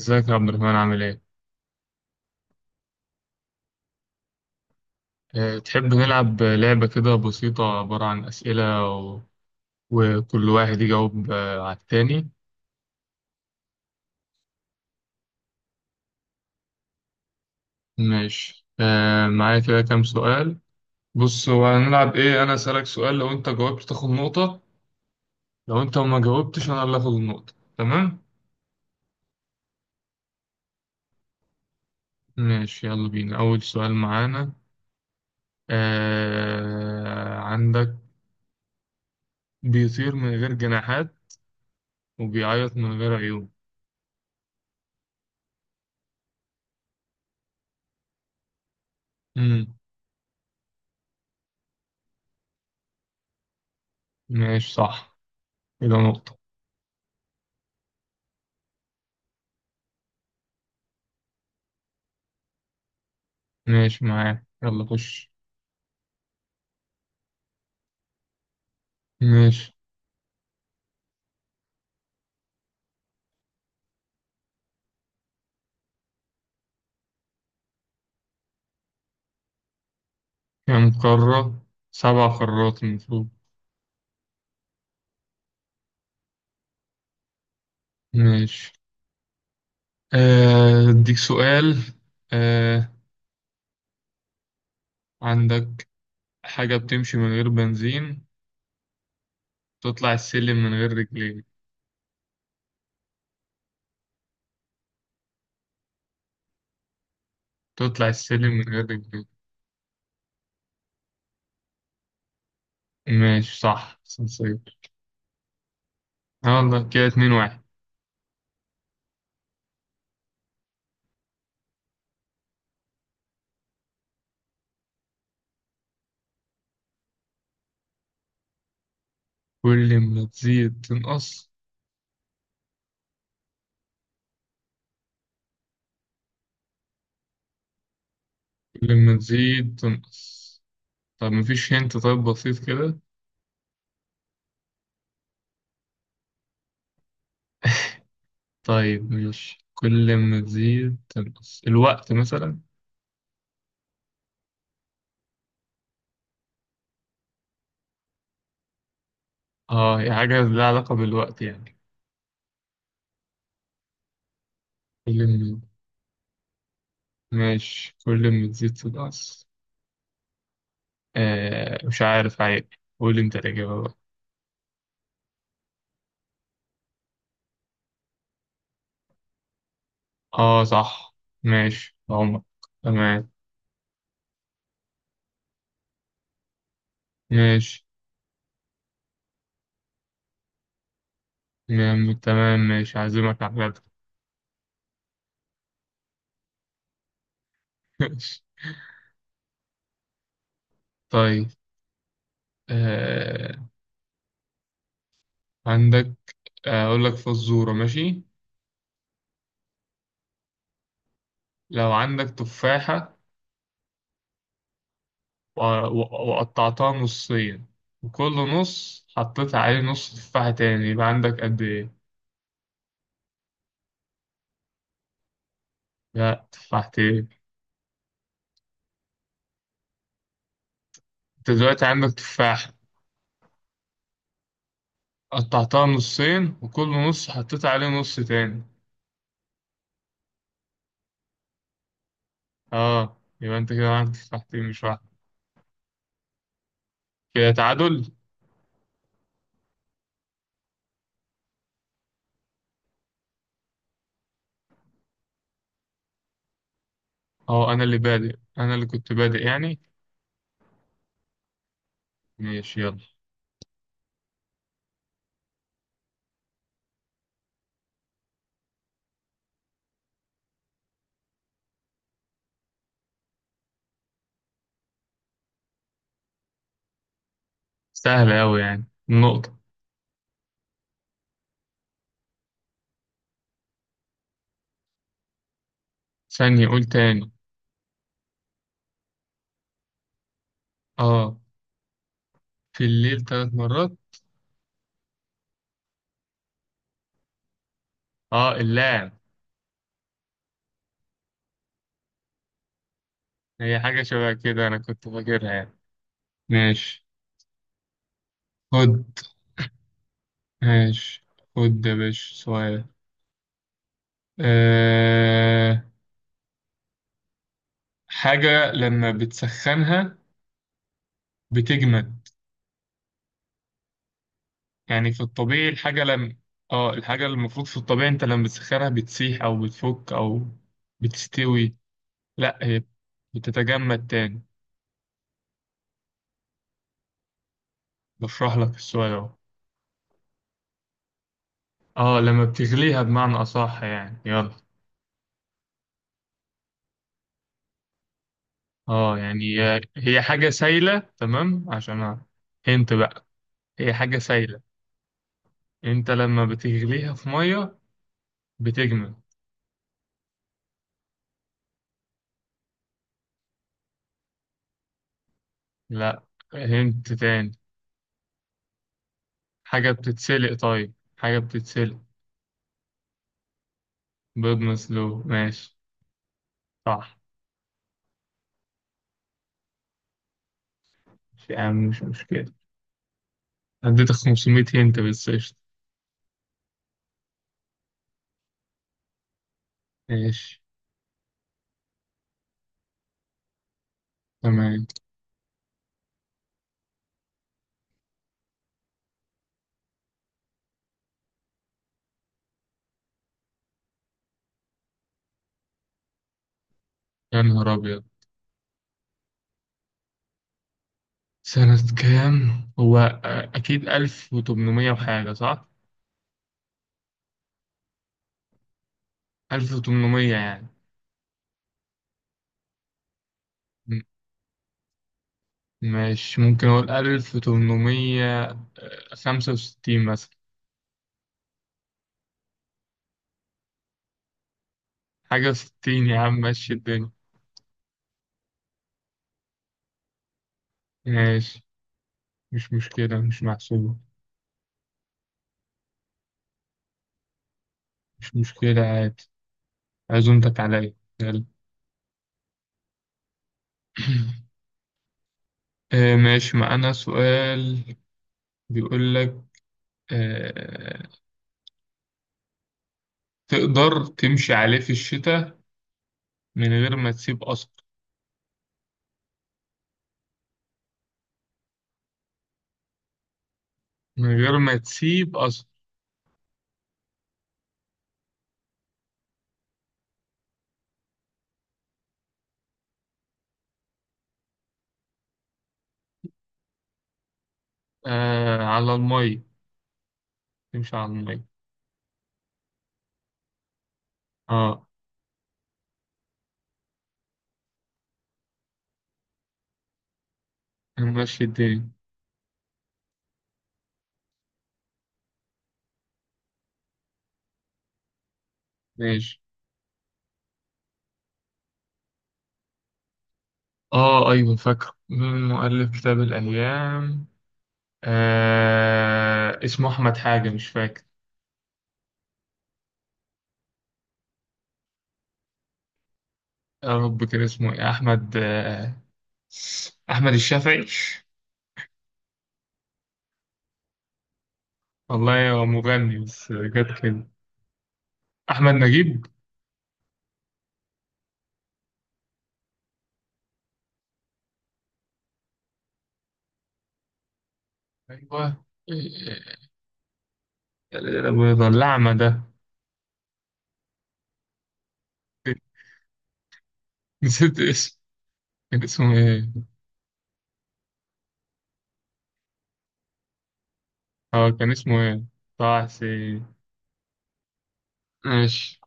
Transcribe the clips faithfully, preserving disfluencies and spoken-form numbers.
ازيك يا عبد الرحمن عامل ايه؟ أه تحب نلعب لعبة كده بسيطة عبارة عن أسئلة. و... وكل واحد يجاوب آه، على التاني. ماشي أه معايا كده كام سؤال. بص هو هنلعب ايه، أنا أسألك سؤال لو أنت جاوبت تاخد نقطة. لو أنت ما جاوبتش أنا اللي هاخد النقطة، تمام؟ ماشي يلا بينا أول سؤال معانا. أه عندك بيطير من غير جناحات وبيعيط من غير عيون. مم. ماشي صح. كده نقطة. ماشي معايا يلا خش. ماشي. كام قارة؟ سبع قارات المفروض. ماشي. آه، أديك سؤال. آه، عندك حاجة بتمشي من غير بنزين، تطلع السلم من غير رجلين. تطلع السلم من غير رجلين. ماشي صح، سنسير. يلا كده اتنين واحد. كل ما تزيد تنقص. كل ما تزيد تنقص. طب مفيش، هنت. طيب بسيط كده. طيب ماشي، كل ما تزيد تنقص الوقت مثلا. اه هي حاجة لها علاقة بالوقت يعني. كل ما ماشي كل ما تزيد تنقص. آه مش عارف، عيب. قول انت الإجابة بقى. اه صح. ماشي عمر. تمام. ماشي. تمام تمام، ماشي هعزمك على الغدا. ماشي. طيب. آه عندك. آه، أقول لك فزورة، ماشي. لو عندك تفاحة و- و- وقطعتها نصين وكل نص حطيت عليه نص تفاحة تاني، يبقى عندك قد إيه؟ لا، تفاحتين. انت دلوقتي عندك تفاحة. قطعتها نصين وكل نص حطيت عليه نص تاني. اه يبقى انت كده عندك تفاحتين مش واحدة. كده تعادل. اه انا اللي بادئ، انا اللي كنت بادئ يعني. ماشي يلا. سهلة اوي يعني النقطة. ثانية، قول تاني. اه. في الليل ثلاث مرات. اه اللاعب. هي حاجة شبه كده انا كنت فاكرها يعني. ماشي. خد. ماشي. خد يا باشا سؤال. أه... حاجة لما بتسخنها بتجمد. يعني في الطبيعي الحاجة لم اه الحاجة اللي المفروض في الطبيعي انت لما بتسخنها بتسيح او بتفك او بتستوي، لا هي بتتجمد تاني. بشرح لك السؤال اهو. اه لما بتغليها بمعنى اصح يعني، يلا. اه يعني هي هي حاجة سايلة تمام عشان. انت بقى، هي حاجة سايلة، انت لما بتغليها في مية بتجمد. لا هنت تاني. حاجة بتتسلق، طيب حاجة بتتسلق. بيض مسلوق، ماشي. صح. يا عم مش مشكلة. اديتك خمسمية هنت، بس قشطة. ماشي. تمام. يا نهار أبيض، سنة كام؟ هو آه، أكيد ألف وتمنمية وحاجة، صح؟ ألف وتمنمية يعني. م- ماشي ممكن أقول ألف وتمنمية وخمسة وستين مثلا. حاجة وستين يا عم، ماشي الدنيا. ماشي، مش مشكلة مش محسوبة. مش مشكلة عادي. عزومتك عليا. يلا. آه، ماشي معانا سؤال. بيقول لك آه، تقدر تمشي عليه في الشتاء من غير ما تسيب أثر. من غير ما تسيب أثر. آه على المية، تمشي على المية. اه ماشي الدنيا. ماشي. اه أيوة فاكر. مين مؤلف كتاب الأيام؟ آه اسمه أحمد حاجة، مش فاكر. يا رب كان اسمه إيه أحمد آه، أحمد الشافعي. والله هو مغني، بس جت كده. أحمد نجيب. أيوة. آه، الأعمى ده. نسيت اسمه. كان اسمه ايه؟ اه كان اسمه ايه؟ طه حسين. ماشي.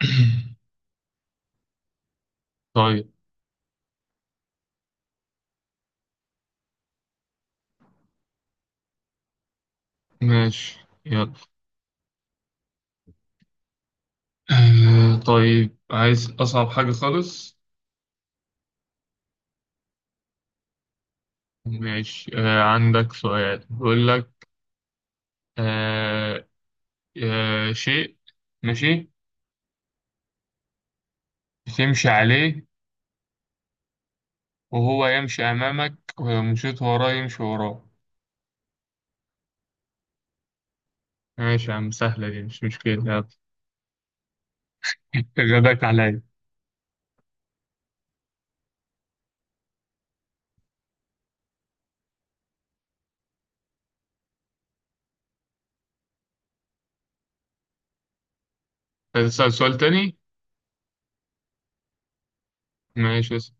طيب. ماشي. يلا. آه طيب عايز أصعب حاجة خالص. ماشي. آه عندك سؤال. بيقول لك آه آه شيء، ماشي، تمشي عليه وهو يمشي أمامك ولو مشيت وراه يمشي وراه. ماشي يا عم سهلة دي مش مشكلة، يلا. غداك عليا. هتسأل سؤال تاني؟ ماشي اسأل.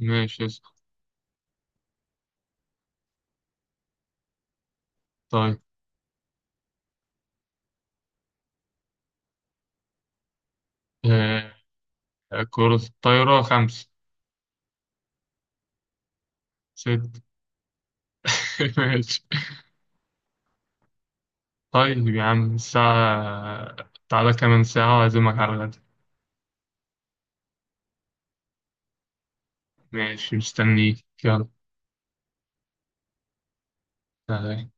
ماشي اسأل. طيب. آه كرة الطايرة خمسة. ست. ماشي. طيب يا عم الساعة، تعالى كمان ساعة وأعزمك على الغدا. ماشي مستنيك، يلا. سلام.